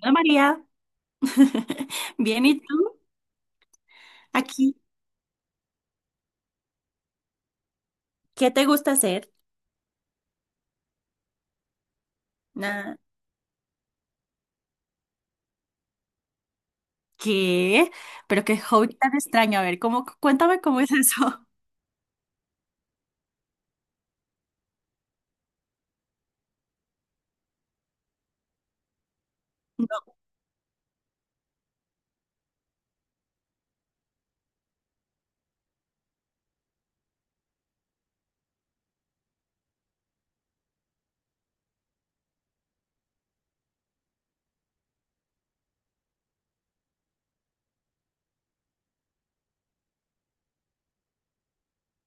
Hola María, bien, ¿y tú? Aquí, ¿qué te gusta hacer? Nada. ¿Qué? Pero qué hobby tan extraño. A ver, ¿cuéntame cómo es eso?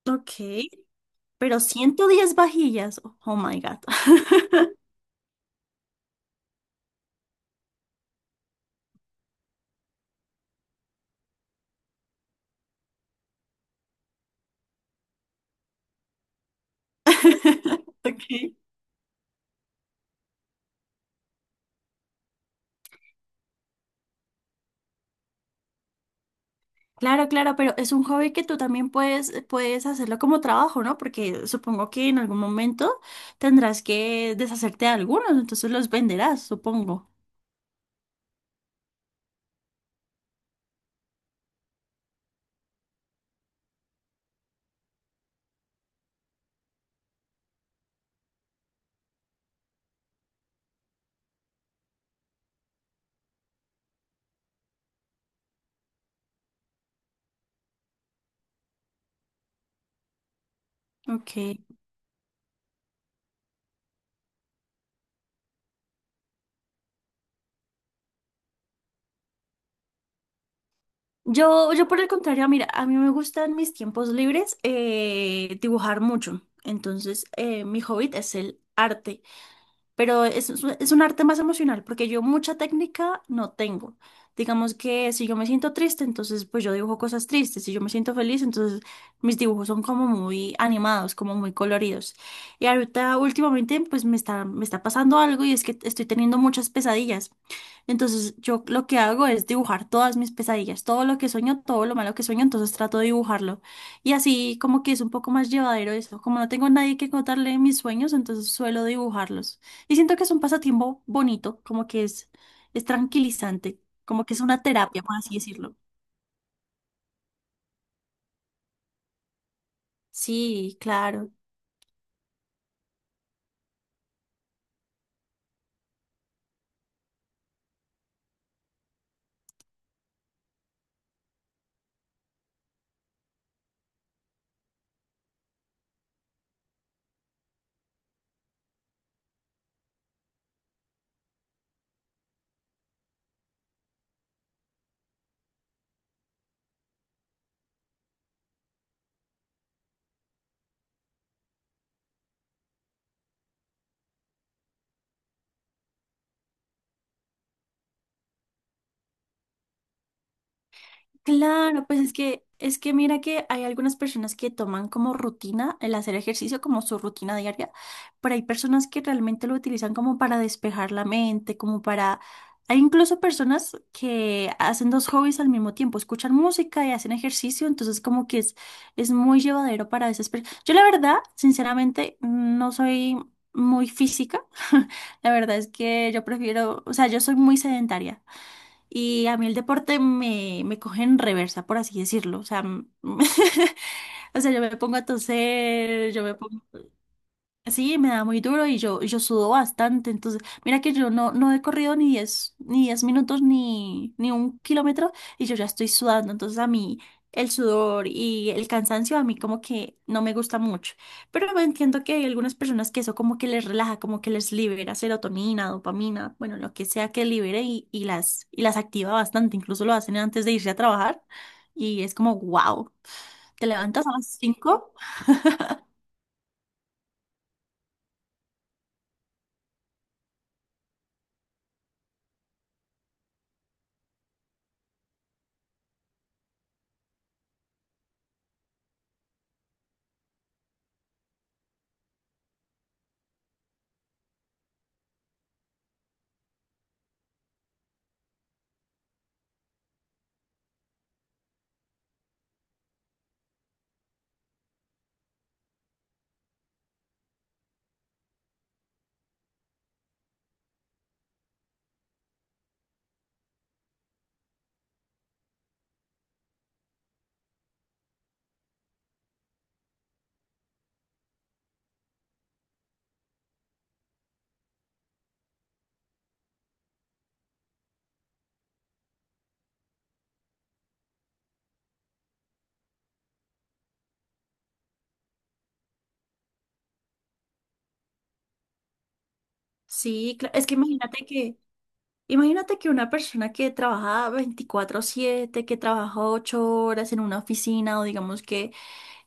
No, ok, pero 110 vajillas. Oh my God. Ok. Claro, claro, pero es un hobby que tú también puedes hacerlo como trabajo, ¿no? Porque supongo que en algún momento tendrás que deshacerte de algunos, entonces los venderás, supongo. Ok. Yo por el contrario, mira, a mí me gustan mis tiempos libres, dibujar mucho. Entonces, mi hobby es el arte, pero es un arte más emocional porque yo mucha técnica no tengo. Digamos que si yo me siento triste, entonces pues yo dibujo cosas tristes; si yo me siento feliz, entonces mis dibujos son como muy animados, como muy coloridos. Y ahorita últimamente pues me está pasando algo, y es que estoy teniendo muchas pesadillas. Entonces yo lo que hago es dibujar todas mis pesadillas, todo lo que sueño, todo lo malo que sueño, entonces trato de dibujarlo. Y así como que es un poco más llevadero eso. Como no tengo nadie que contarle mis sueños, entonces suelo dibujarlos. Y siento que es un pasatiempo bonito, como que es, tranquilizante, como que es una terapia, por así decirlo. Sí, claro. Claro, pues es que mira que hay algunas personas que toman como rutina el hacer ejercicio, como su rutina diaria, pero hay personas que realmente lo utilizan como para despejar la mente, como para... Hay incluso personas que hacen dos hobbies al mismo tiempo, escuchan música y hacen ejercicio, entonces como que es muy llevadero para esas personas. Yo la verdad, sinceramente, no soy muy física. La verdad es que yo prefiero, o sea, yo soy muy sedentaria. Y a mí el deporte me coge en reversa, por así decirlo. O sea, o sea, yo me pongo a toser, yo me... Sí, me da muy duro, y yo sudo bastante. Entonces, mira que yo no he corrido ni diez minutos, ni un kilómetro, y yo ya estoy sudando. Entonces, a mí el sudor y el cansancio a mí como que no me gusta mucho. Pero me entiendo que hay algunas personas que eso como que les relaja, como que les libera serotonina, dopamina, bueno, lo que sea que libere, y las activa bastante. Incluso lo hacen antes de irse a trabajar, y es como, wow, te levantas a las 5. Sí, claro. Es que imagínate que... Imagínate que una persona que trabaja 24/7, que trabaja 8 horas en una oficina, o digamos que,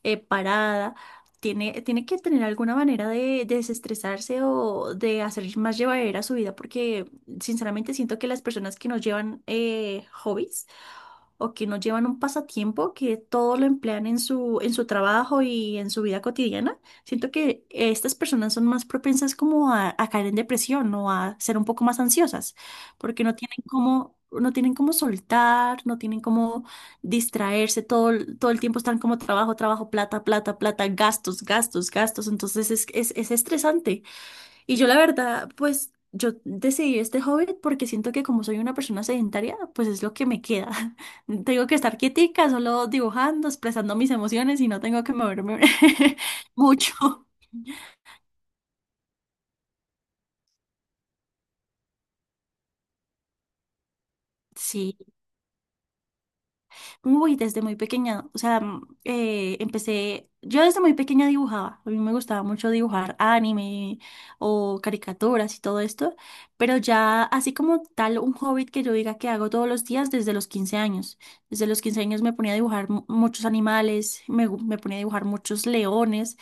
parada, tiene que tener alguna manera de desestresarse o de hacer más llevadera su vida, porque sinceramente siento que las personas que no llevan, hobbies, o que no llevan un pasatiempo, que todo lo emplean en su trabajo y en su vida cotidiana, siento que estas personas son más propensas como a caer en depresión o a ser un poco más ansiosas, porque no tienen cómo, no tienen cómo soltar, no tienen cómo distraerse, todo, todo el tiempo están como trabajo, trabajo, plata, plata, plata, gastos, gastos, gastos, entonces es, es estresante. Y yo la verdad, pues yo decidí este hobby porque siento que como soy una persona sedentaria, pues es lo que me queda. Tengo que estar quietica, solo dibujando, expresando mis emociones y no tengo que moverme mucho. Sí. Uy, desde muy pequeña, o sea, yo desde muy pequeña dibujaba, a mí me gustaba mucho dibujar anime o caricaturas y todo esto, pero ya así como tal un hobby que yo diga que hago todos los días, desde los 15 años. Desde los 15 años me ponía a dibujar muchos animales, me ponía a dibujar muchos leones.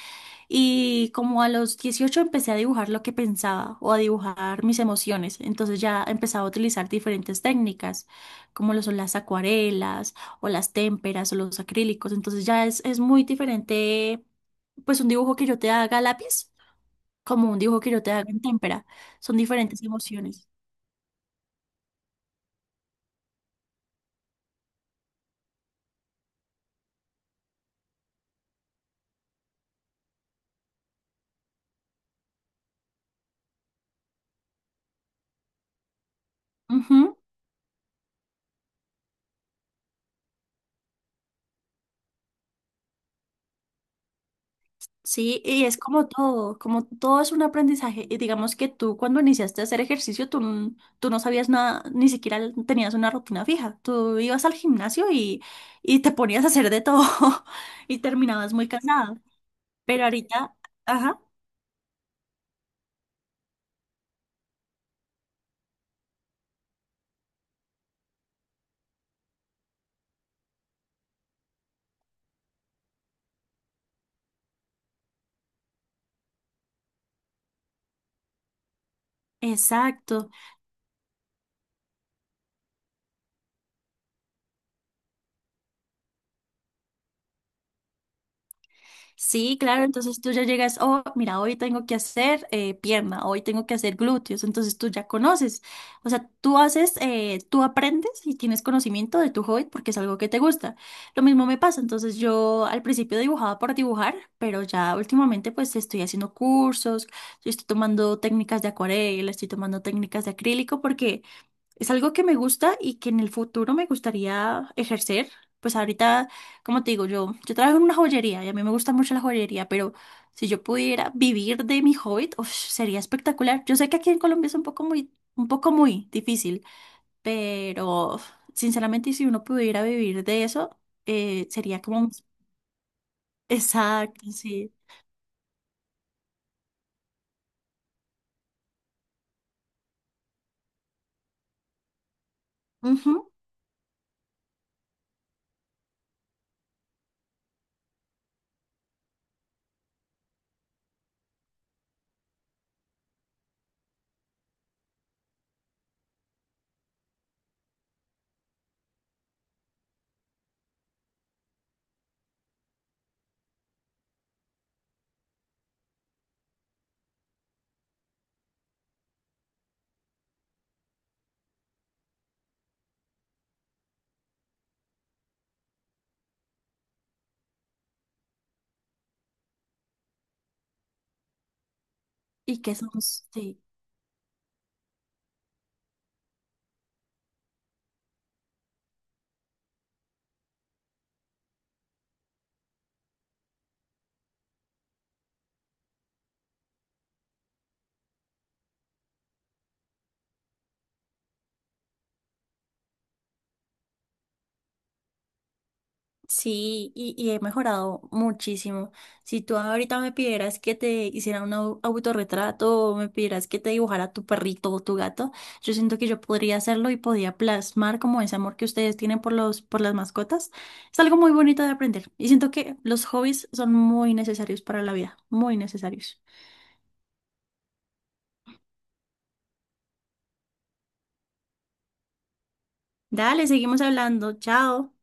Y como a los 18 empecé a dibujar lo que pensaba o a dibujar mis emociones. Entonces ya empezaba a utilizar diferentes técnicas, como lo son las acuarelas o las témperas o los acrílicos. Entonces ya es muy diferente pues un dibujo que yo te haga a lápiz, como un dibujo que yo te haga en témpera. Son diferentes emociones. Sí, y es como todo es un aprendizaje. Y digamos que tú cuando iniciaste a hacer ejercicio, tú no sabías nada, ni siquiera tenías una rutina fija. Tú ibas al gimnasio, y te ponías a hacer de todo y terminabas muy cansada. Pero ahorita, ajá, exacto. Sí, claro, entonces tú ya llegas, oh, mira, hoy tengo que hacer, pierna, hoy tengo que hacer glúteos, entonces tú ya conoces, o sea, tú haces, tú aprendes y tienes conocimiento de tu hobby porque es algo que te gusta. Lo mismo me pasa, entonces yo al principio dibujaba por dibujar, pero ya últimamente pues estoy haciendo cursos, yo estoy tomando técnicas de acuarela, estoy tomando técnicas de acrílico, porque es algo que me gusta y que en el futuro me gustaría ejercer. Pues ahorita, como te digo, yo trabajo en una joyería y a mí me gusta mucho la joyería, pero si yo pudiera vivir de mi hobby, uf, sería espectacular. Yo sé que aquí en Colombia es un poco muy difícil, pero sinceramente, si uno pudiera vivir de eso, sería como... Exacto, sí. Ujú. Y que somos, sí. Sí, y he mejorado muchísimo. Si tú ahorita me pidieras que te hiciera un autorretrato, o me pidieras que te dibujara tu perrito o tu gato, yo siento que yo podría hacerlo y podía plasmar como ese amor que ustedes tienen por las mascotas. Es algo muy bonito de aprender y siento que los hobbies son muy necesarios para la vida, muy necesarios. Dale, seguimos hablando. Chao.